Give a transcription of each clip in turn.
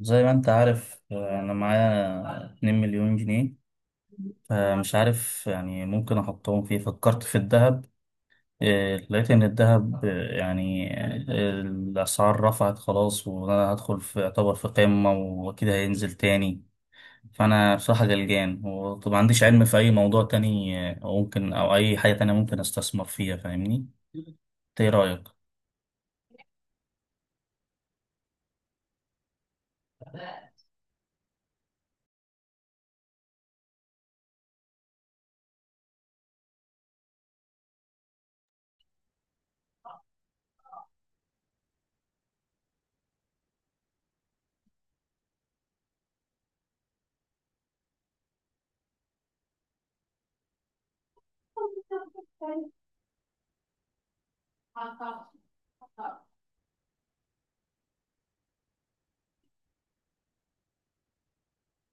زي ما انت عارف انا معايا 2 مليون جنيه. فمش عارف يعني ممكن احطهم فيه. فكرت في الذهب. لقيت ان الذهب الاسعار رفعت خلاص وانا هدخل في اعتبر في قمة واكيد هينزل تاني. فانا بصراحة قلقان، وطب ما عنديش علم في اي موضوع تاني ممكن، او اي حاجة تانية ممكن استثمر فيها، فاهمني؟ إنت ايه رأيك؟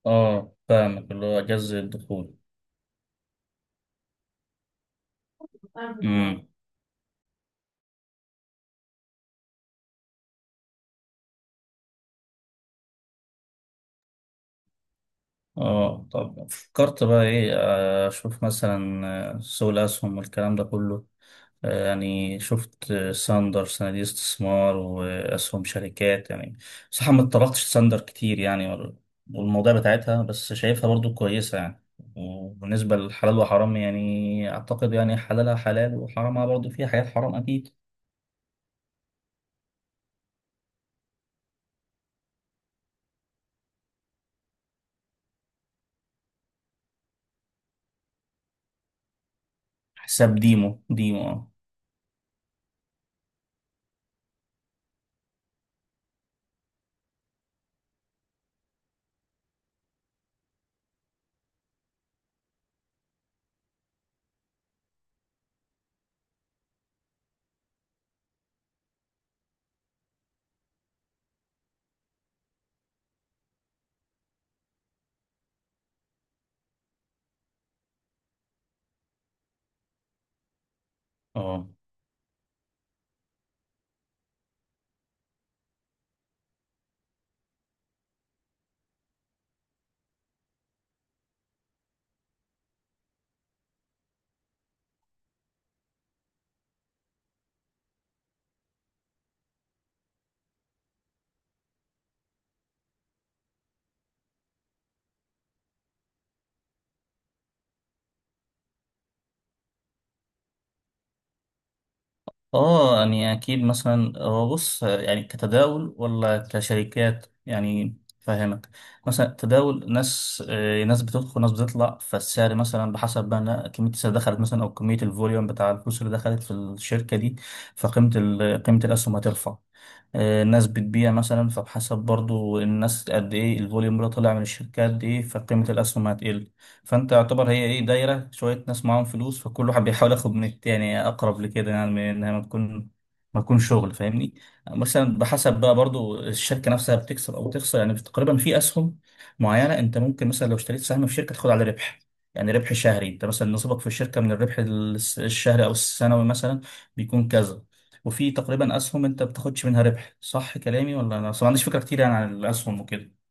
اه فاهمك، اللي هو جذر الدخول. اه طب فكرت بقى ايه؟ اشوف مثلا سوق الاسهم والكلام ده كله. يعني شفت ساندر، صناديق استثمار واسهم شركات يعني. صح، ما اتطرقتش ساندر كتير يعني، والمواضيع بتاعتها، بس شايفها برضو كويسة يعني. وبالنسبة للحلال وحرام يعني، اعتقد يعني حلالها حلال وحرامها برضو فيها حاجات حرام اكيد. حساب ديمو ديمو اه. اه اه، يعني اكيد مثلا، هو بص يعني كتداول ولا كشركات يعني، فاهمك؟ مثلا تداول ناس، ناس بتدخل ناس بتطلع، فالسعر مثلا بحسب بقى إنها كميه السعر دخلت مثلا، او كميه الفوليوم بتاع الفلوس اللي دخلت في الشركه دي، فقيمه قيمه الاسهم هترفع. الناس بتبيع مثلا، فبحسب برضو الناس قد ايه الفوليوم اللي طلع من الشركه قد ايه، فقيمه الاسهم هتقل. فانت يعتبر هي ايه، دايره شويه ناس معاهم فلوس، فكل واحد بيحاول ياخد من التاني، اقرب لكده يعني، من انها ما تكون شغل، فاهمني. مثلا بحسب بقى برضو الشركه نفسها بتكسب او تخسر يعني. تقريبا في اسهم معينه، انت ممكن مثلا لو اشتريت سهم في شركه، تاخد على ربح. يعني ربح شهري، انت مثلا نصيبك في الشركه من الربح الشهري او السنوي مثلا، بيكون كذا. وفي تقريبا اسهم انت بتاخدش منها ربح. صح كلامي ولا انا اصلا ما عنديش فكره كتير يعني عن الاسهم وكده؟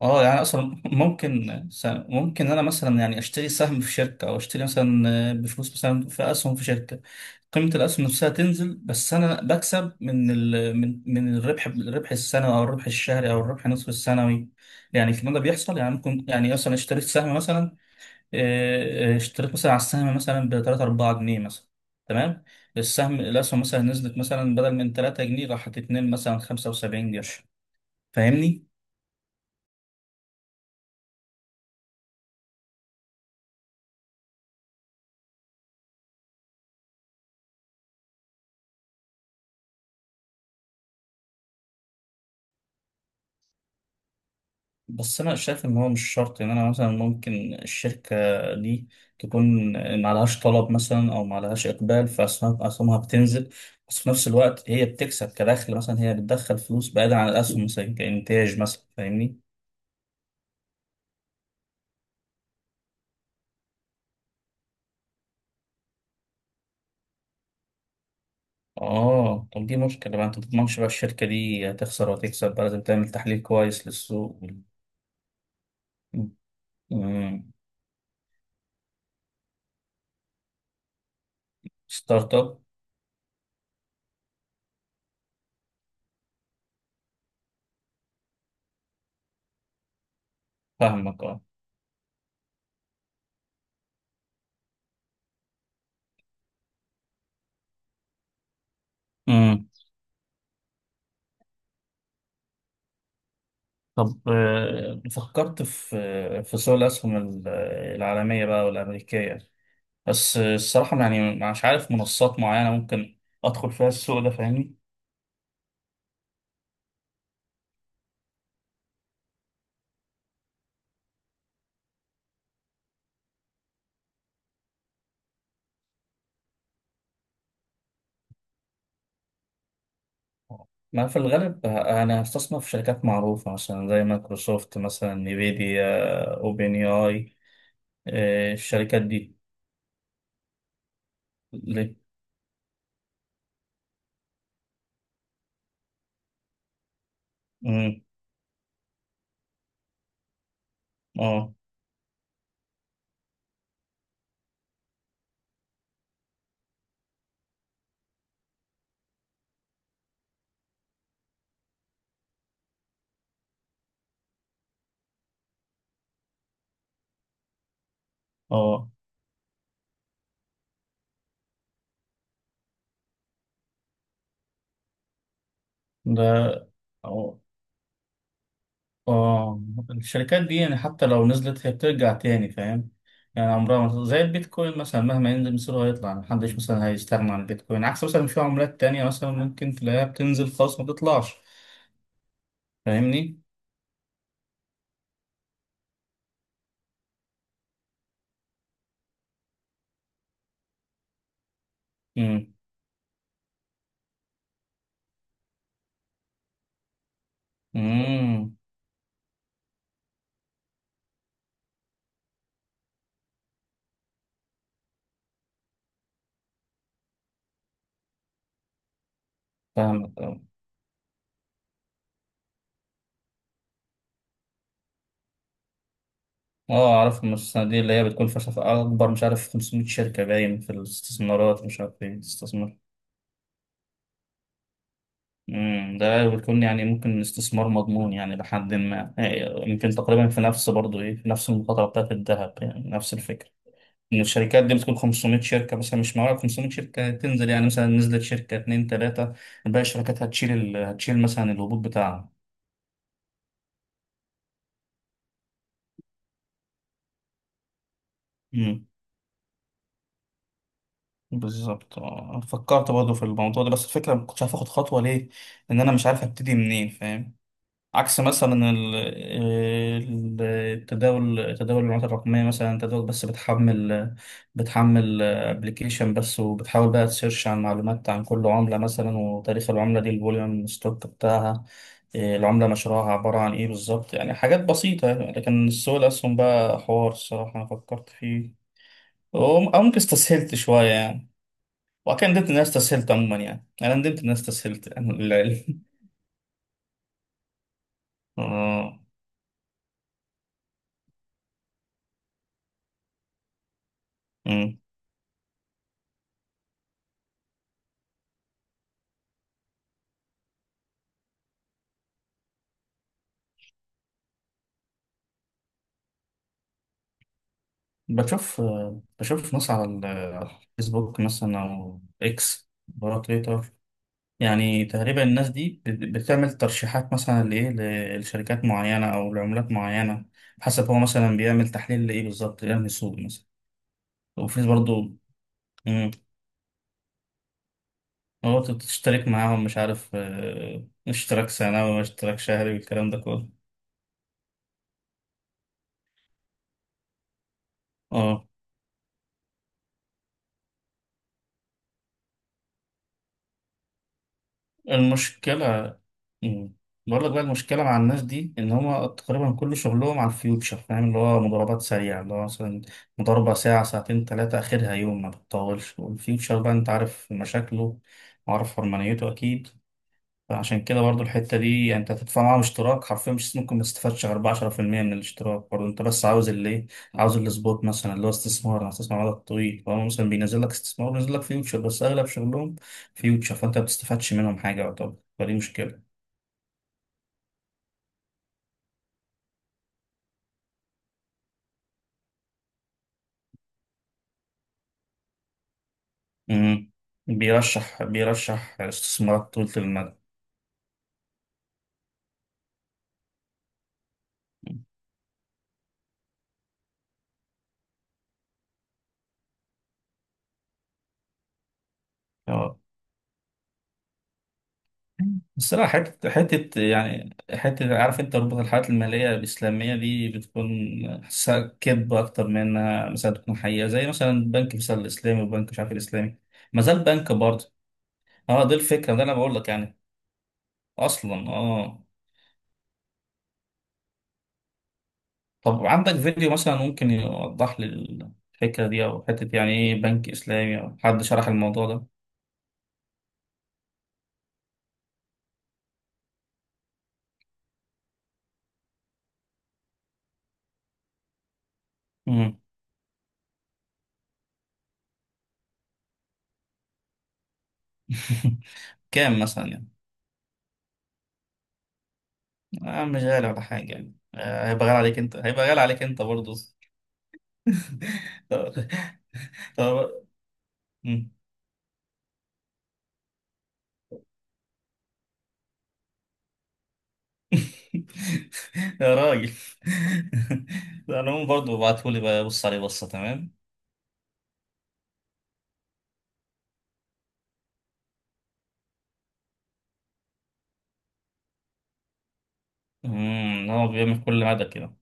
اه، يعني اصلا ممكن ممكن انا مثلا يعني اشتري سهم في شركه، او اشتري مثلا بفلوس مثلا في اسهم في شركه. قيمه الاسهم نفسها تنزل، بس انا بكسب من ال من من الربح، الربح السنوي او الربح الشهري او الربح نصف السنوي. يعني الكلام ده بيحصل يعني. ممكن يعني مثلا اشتريت سهم مثلا، اشتريت مثلا على السهم مثلا ب 3 4 جنيه مثلا، تمام؟ السهم الاسهم مثلا نزلت مثلا، بدل من 3 جنيه راحت 2 مثلا 75 قرش، فاهمني. بس انا شايف ان هو مش شرط يعني. انا مثلا ممكن الشركه دي تكون معلهاش طلب مثلا، او معلهاش اقبال، أسهمها بتنزل، بس في نفس الوقت هي بتكسب كدخل مثلا، هي بتدخل فلوس بعيدا عن الاسهم مثلا كانتاج مثلا، فاهمني. اه طب دي مشكله بقى، انت ما تضمنش بقى الشركه دي هتخسر وهتكسب بقى، لازم تعمل تحليل كويس للسوق مم. ستارت اب. فاهمك اه. طب فكرت في في سوق الأسهم العالمية بقى والأمريكية، بس الصراحة يعني مش عارف منصات معينة ممكن أدخل فيها السوق ده، فاهمني. ما في الغالب أنا هستثمر في شركات معروفة مثلا، زي مايكروسوفت مثلا، نيفيديا، أوبن اي. الشركات دي ليه؟ مم، اه اه ده اه. الشركات دي يعني حتى لو نزلت هي بترجع تاني، فاهم. يعني عمرها زي البيتكوين مثلا، مهما ينزل مصيره هيطلع، محدش مثلا هيستغنى عن البيتكوين، عكس مثلا في عملات تانية مثلا ممكن تلاقيها بتنزل خالص ما بتطلعش، فاهمني؟ امم. امم. فاهمك اه. اعرف المؤسسة دي، اللي هي بتكون فشخ اكبر، مش عارف، 500 شركة، باين في الاستثمارات، مش عارف ايه. مم، ده بيكون يعني ممكن استثمار مضمون يعني لحد ما، يمكن تقريبا في نفس برضه ايه، في نفس المخاطره بتاعت الذهب يعني، نفس الفكره. ان الشركات دي بتكون 500 شركه مثلا، مش معقول 500 شركه تنزل يعني، مثلا نزلت شركه اتنين تلاته، باقي الشركات هتشيل هتشيل مثلا الهبوط بتاعها. مم، بالظبط. فكرت برضه في الموضوع ده، بس الفكره ما كنتش عارف اخد خطوه ليه، ان انا مش عارف ابتدي منين، فاهم. عكس مثلا التداول، تداول العملات الرقمية مثلا، انت دوك بس بتحمل، بتحمل ابلكيشن بس، وبتحاول بقى تسيرش عن معلومات عن كل عملة مثلا، وتاريخ العملة دي، الفوليوم ستوك بتاعها، إيه، العملة مشروعها عبارة عن ايه بالظبط يعني، حاجات بسيطة يعني. لكن السوق الأسهم بقى حوار، الصراحة أنا فكرت فيه أو ممكن استسهلت شوية يعني. وأكيد ندمت إن أنا استسهلت، عموما يعني. أنا ندمت إن أنا استسهلت يعني لله. آه. بشوف بشوف ناس على على الفيسبوك مثلا أو إكس، برا تويتر. يعني تقريبا الناس دي بتعمل ترشيحات مثلا لإيه، لشركات معينة أو لعملات معينة، حسب هو مثلا بيعمل تحليل لإيه بالظبط يعني، سوق مثلا. وفي برضه. مم، هو تشترك معاهم مش عارف، اشتراك سنوي واشتراك شهري والكلام ده كله. اه. المشكلة. مم. بقول لك بقى، المشكلة مع الناس دي إن هما تقريبا كل شغلهم على الفيوتشر، فاهم. اللي هو مضاربات سريعة، اللي هو مثلا مضاربة ساعة ساعتين تلاتة، آخرها يوم ما بتطولش، والفيوتشر بقى أنت عارف مشاكله، وعارف حرمانيته أكيد. عشان كده برضو الحتة دي يعني، انت هتدفع معاهم اشتراك، حرفيا مش ممكن ما تستفادش غير بعشرة في المية من الاشتراك. برضو انت بس عاوز اللي ايه، عاوز السبوت مثلا، اللي هو استثمار، انا هستثمر على طويل، فهو مثلا بينزل لك استثمار، بينزل لك فيوتشر، بس اغلب شغلهم فيوتشر، فانت ما بتستفادش منهم حاجة يعتبر، فدي مشكلة. امم. بيرشح استثمارات طويلة المدى. مم. الصراحة حتة يعني، حتة عارف أنت، ربط الحالات المالية الإسلامية دي بتكون حاسسها كذب أكتر من إنها مثلا تكون حقيقة، زي مثلا بنك مثلا الإسلامي، وبنك مش عارف الإسلامي، ما زال بنك برضه. أه دي الفكرة، ده أنا بقول لك يعني أصلا أه. طب عندك فيديو مثلا ممكن يوضح لي الفكرة دي، أو حتة يعني إيه بنك إسلامي، أو حد شرح الموضوع ده؟ مم. كام مثلا يعني؟ آه مش غالي ولا حاجة يعني، آه هيبقى غالي عليك أنت، هيبقى غالي عليك أنت برضه. يا را- مم. يا راجل العموم برضه ابعتهولي بقى، بص عليه بصة، تمام. مم. هو بيعمل كل مدى كده؟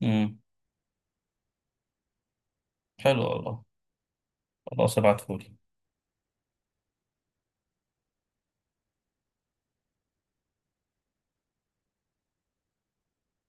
مم. حلو والله. خلاص ابعتهولي.